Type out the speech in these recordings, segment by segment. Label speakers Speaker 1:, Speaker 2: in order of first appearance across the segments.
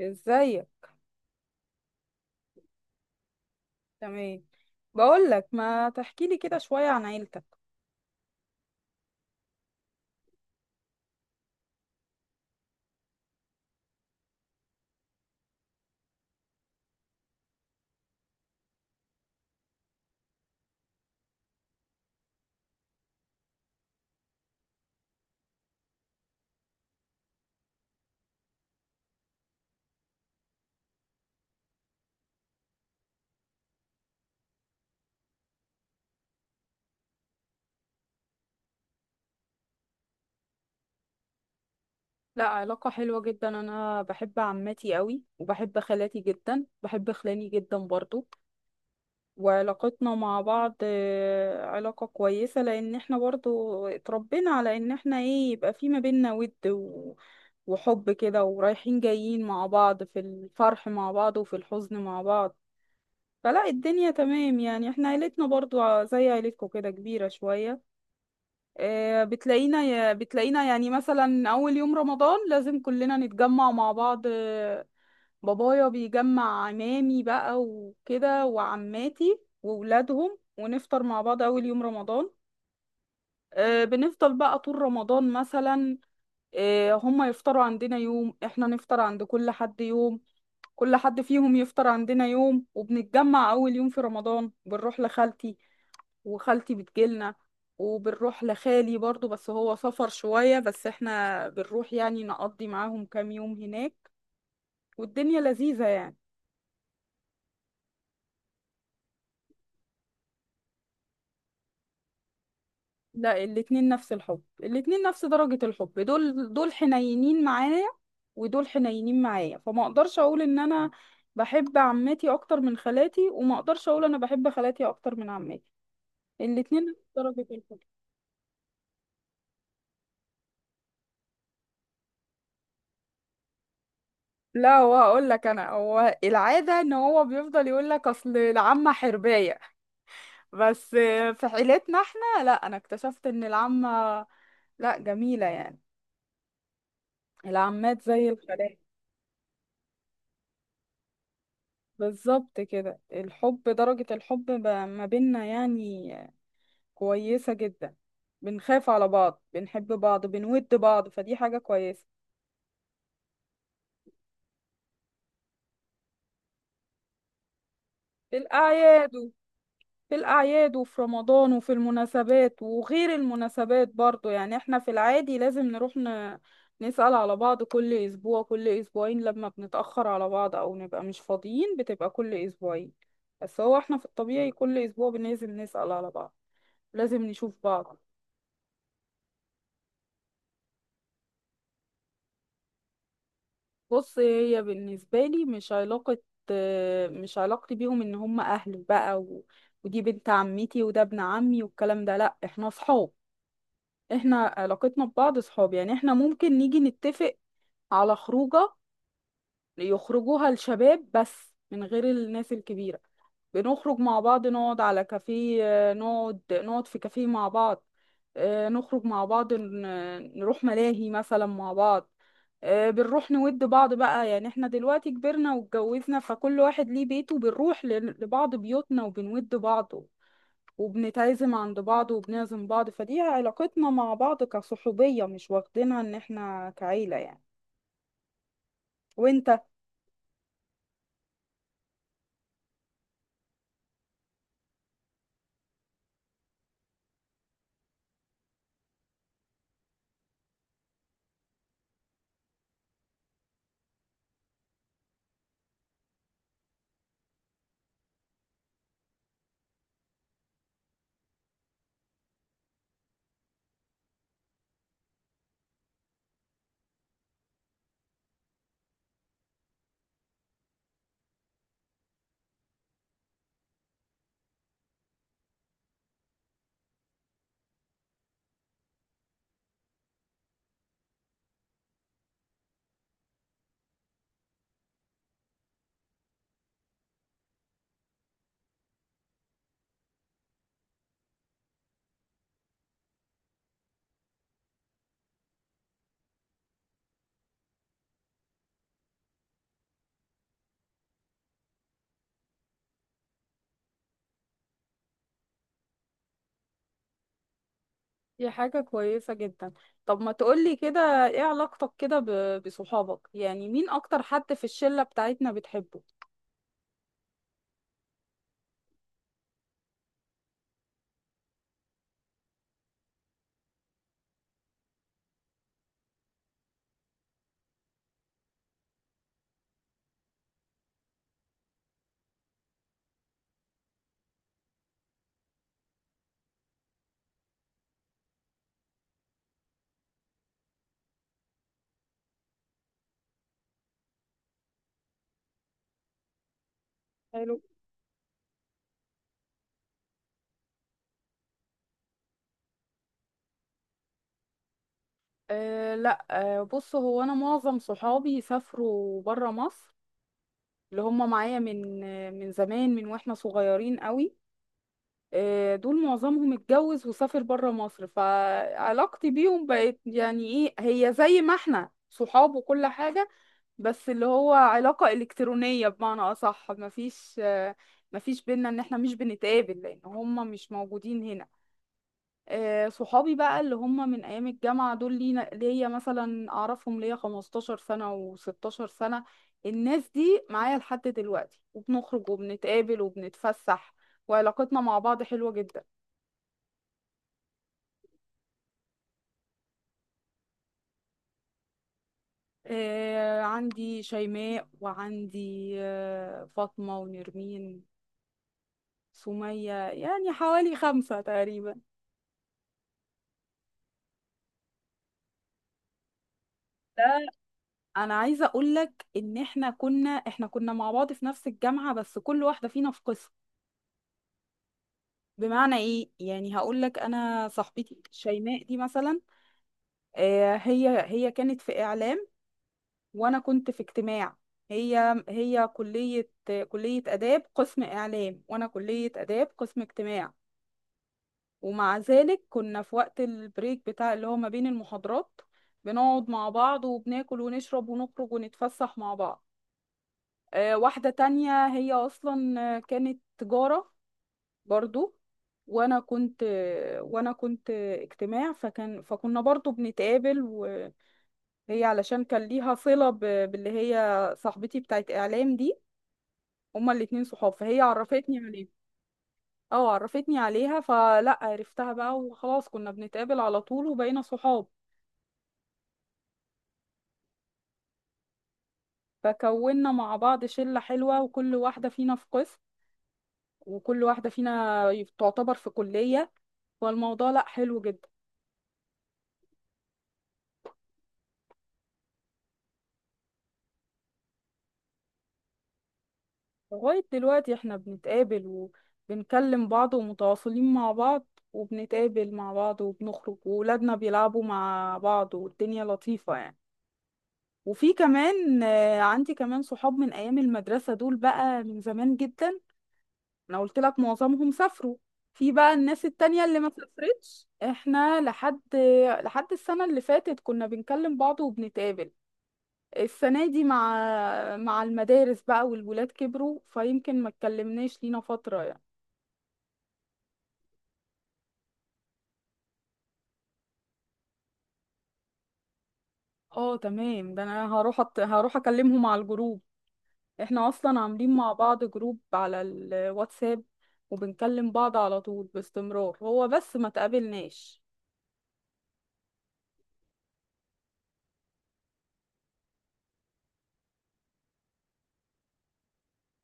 Speaker 1: ازيك. تمام. بقول لك ما تحكي لي كده شوية عن عيلتك. لا علاقة حلوة جدا، انا بحب عمتي قوي وبحب خالاتي جدا، بحب خلاني جدا برضو. وعلاقتنا مع بعض علاقة كويسة لان احنا برضو اتربينا على ان احنا ايه، يبقى في ما بينا ود وحب كده، ورايحين جايين مع بعض في الفرح مع بعض وفي الحزن مع بعض. فلا الدنيا تمام، يعني احنا عيلتنا برضو زي عيلتكم كده كبيرة شوية. بتلاقينا بتلاقينا يعني مثلا أول يوم رمضان لازم كلنا نتجمع مع بعض. بابايا بيجمع عمامي بقى وكده وعماتي وولادهم، ونفطر مع بعض أول يوم رمضان. بنفضل بقى طول رمضان مثلا. هما يفطروا عندنا يوم، احنا نفطر عند كل حد يوم. كل حد فيهم يفطر عندنا يوم، وبنتجمع أول يوم في رمضان بنروح لخالتي، وخالتي بتجيلنا. وبنروح لخالي برضو، بس هو سفر شوية، بس احنا بنروح يعني نقضي معاهم كام يوم هناك، والدنيا لذيذة يعني. لا، الاتنين نفس الحب، الاتنين نفس درجة الحب، دول دول حنينين معايا ودول حنينين معايا، فما اقدرش اقول ان انا بحب عمتي اكتر من خالاتي، وما اقدرش اقول انا بحب خالاتي اكتر من عمتي. الاتنين نفس درجة الحب. لا، هو اقول لك انا، هو العادة ان هو بيفضل يقول لك اصل العمة حرباية، بس في عيلتنا احنا لا، انا اكتشفت ان العمة لا جميلة يعني، العمات زي الخالات. بالظبط كده، الحب درجة الحب ما بيننا يعني كويسة جدا، بنخاف على بعض، بنحب بعض، بنود بعض، فدي حاجة كويسة. في الأعياد. في الأعياد وفي رمضان وفي المناسبات وغير المناسبات برضو، يعني احنا في العادي لازم نروح نسأل على بعض كل أسبوع، كل أسبوعين لما بنتأخر على بعض أو نبقى مش فاضيين بتبقى كل أسبوعين، بس هو احنا في الطبيعي كل أسبوع لازم نسأل على بعض، لازم نشوف بعض. بص، هي بالنسبة لي مش علاقة، مش علاقتي بيهم إن هم أهلي بقى ودي بنت عمتي وده ابن عمي والكلام ده، لأ احنا صحاب. احنا علاقتنا ببعض صحاب، يعني احنا ممكن نيجي نتفق على خروجة يخرجوها الشباب بس من غير الناس الكبيرة، بنخرج مع بعض نقعد على كافيه، نقعد في كافيه مع بعض. نخرج مع بعض، نروح ملاهي مثلا مع بعض. بنروح نود بعض بقى، يعني احنا دلوقتي كبرنا واتجوزنا فكل واحد ليه بيته، بنروح لبعض بيوتنا وبنود بعض، وبنتعزم عند بعض وبنعزم بعض، فدي علاقتنا مع بعض كصحوبية، مش واخدينها ان احنا كعيلة يعني. وانت؟ دي حاجة كويسة جدا. طب ما تقولي كده، ايه علاقتك كده بصحابك؟ يعني مين اكتر حد في الشلة بتاعتنا بتحبه؟ حلو. أه لا أه، بص هو انا معظم صحابي سافروا برا مصر، اللي هم معايا من من زمان من واحنا صغيرين قوي، دول معظمهم اتجوز وسافر بره مصر، فعلاقتي بيهم بقت يعني ايه، هي زي ما احنا صحاب وكل حاجة، بس اللي هو علاقة إلكترونية بمعنى أصح، مفيش مفيش بينا ان احنا مش بنتقابل لأن هما مش موجودين هنا. صحابي بقى اللي هما من أيام الجامعة دول لينا ليا مثلا، أعرفهم ليا 15 سنة و16 سنة، الناس دي معايا لحد دلوقتي، وبنخرج وبنتقابل وبنتفسح، وعلاقتنا مع بعض حلوة جدا. آه عندي شيماء، وعندي آه فاطمة، ونرمين، سمية، يعني حوالي خمسة تقريبا. لا، انا عايزة اقولك ان احنا كنا، احنا كنا مع بعض في نفس الجامعة، بس كل واحدة فينا في قسم. بمعنى ايه يعني؟ هقولك، انا صاحبتي شيماء دي مثلا، آه هي كانت في اعلام وانا كنت في اجتماع. هي كلية، كلية آداب قسم إعلام، وأنا كلية آداب قسم اجتماع. ومع ذلك كنا في وقت البريك بتاع اللي هو ما بين المحاضرات بنقعد مع بعض وبناكل ونشرب ونخرج ونتفسح مع بعض. واحدة تانية هي أصلا كانت تجارة برضو، وأنا كنت اجتماع، فكان فكنا برضو بنتقابل. وهي علشان كان ليها صلة باللي هي صاحبتي بتاعت إعلام دي، هما الاتنين صحاب، فهي عرفتني عليهم. اه عرفتني عليها، فلا عرفتها بقى وخلاص، كنا بنتقابل على طول وبقينا صحاب. فكونا مع بعض شلة حلوة، وكل واحدة فينا في قسم، وكل واحدة فينا تعتبر في كلية، فالموضوع لا حلو جدا. لغاية دلوقتي احنا بنتقابل وبنكلم بعض ومتواصلين مع بعض، وبنتقابل مع بعض وبنخرج، وولادنا بيلعبوا مع بعض، والدنيا لطيفة يعني. وفي كمان عندي كمان صحاب من أيام المدرسة، دول بقى من زمان جدا، انا قلت لك معظمهم سافروا. في بقى الناس التانية اللي ما سافرتش، احنا لحد لحد السنة اللي فاتت كنا بنكلم بعض وبنتقابل. السنة دي مع مع المدارس بقى والولاد كبروا، فيمكن ما اتكلمناش لينا فترة يعني. اه تمام، ده انا هروح هروح اكلمهم على الجروب، احنا اصلا عاملين مع بعض جروب على الواتساب، وبنكلم بعض على طول باستمرار، هو بس ما تقابلناش.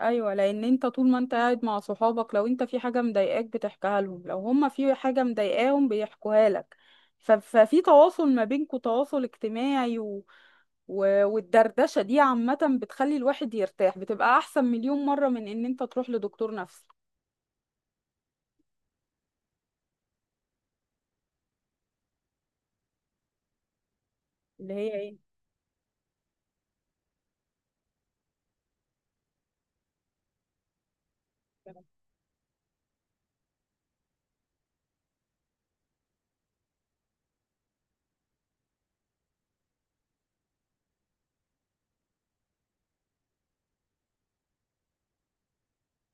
Speaker 1: ايوه، لان انت طول ما انت قاعد مع صحابك، لو انت في حاجه مضايقاك بتحكيها لهم، لو هما في حاجه مضايقاهم بيحكوها لك، ففي تواصل ما بينكوا، تواصل اجتماعي والدردشه دي عامه بتخلي الواحد يرتاح، بتبقى احسن مليون مره من ان انت تروح لدكتور نفسي. اللي هي ايه؟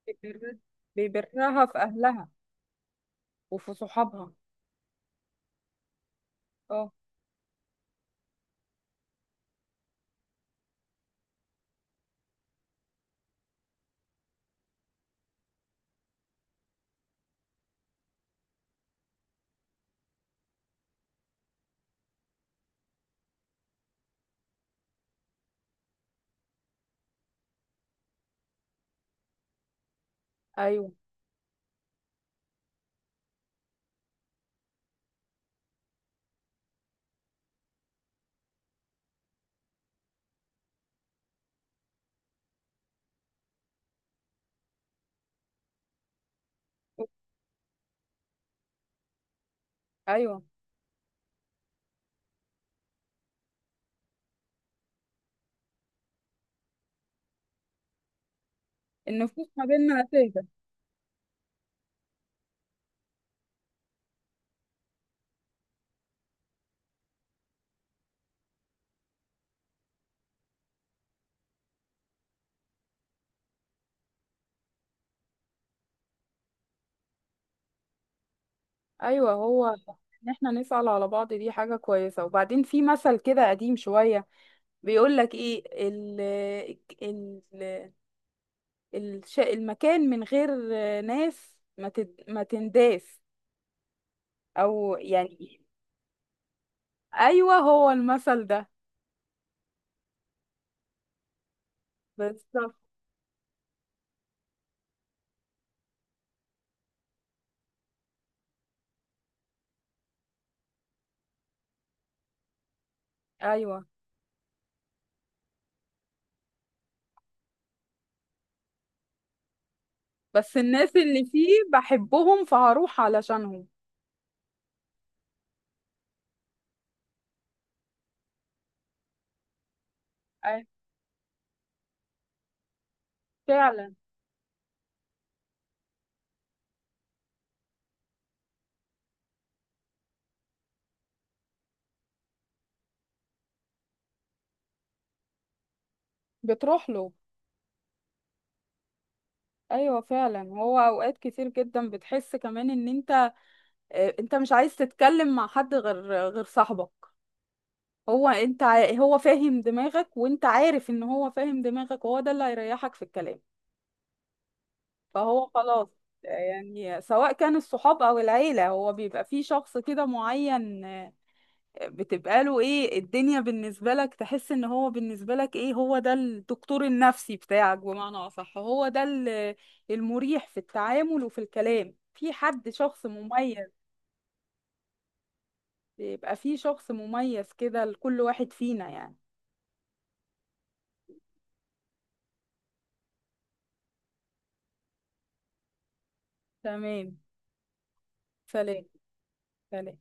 Speaker 1: بيبر- بيبرها في اهلها وفي صحابها. اه. ايوه. ايوه، النفوس ما بيننا اساس. ايوه، هو ان احنا نسأل على بعض دي حاجة كويسة. وبعدين في مثل كده قديم شوية بيقول لك ايه، ال المكان من غير ناس ما تنداس، او يعني. ايوه هو المثل ده بالظبط. ايوه، بس الناس اللي فيه بحبهم، فهروح علشانهم. أي- فعلا. بتروح له. ايوه فعلا، هو اوقات كتير جدا بتحس كمان ان انت انت مش عايز تتكلم مع حد غير غير صاحبك، هو انت هو فاهم دماغك، وانت عارف ان هو فاهم دماغك، وهو ده اللي هيريحك في الكلام، فهو خلاص. يعني سواء كان الصحاب او العيلة، هو بيبقى فيه شخص كده معين، بتبقى له ايه الدنيا بالنسبة لك، تحس ان هو بالنسبة لك ايه، هو ده الدكتور النفسي بتاعك، بمعنى اصح هو ده المريح في التعامل وفي الكلام، في حد شخص مميز. بيبقى فيه شخص مميز كده لكل واحد فينا يعني. تمام. سلام. سلام.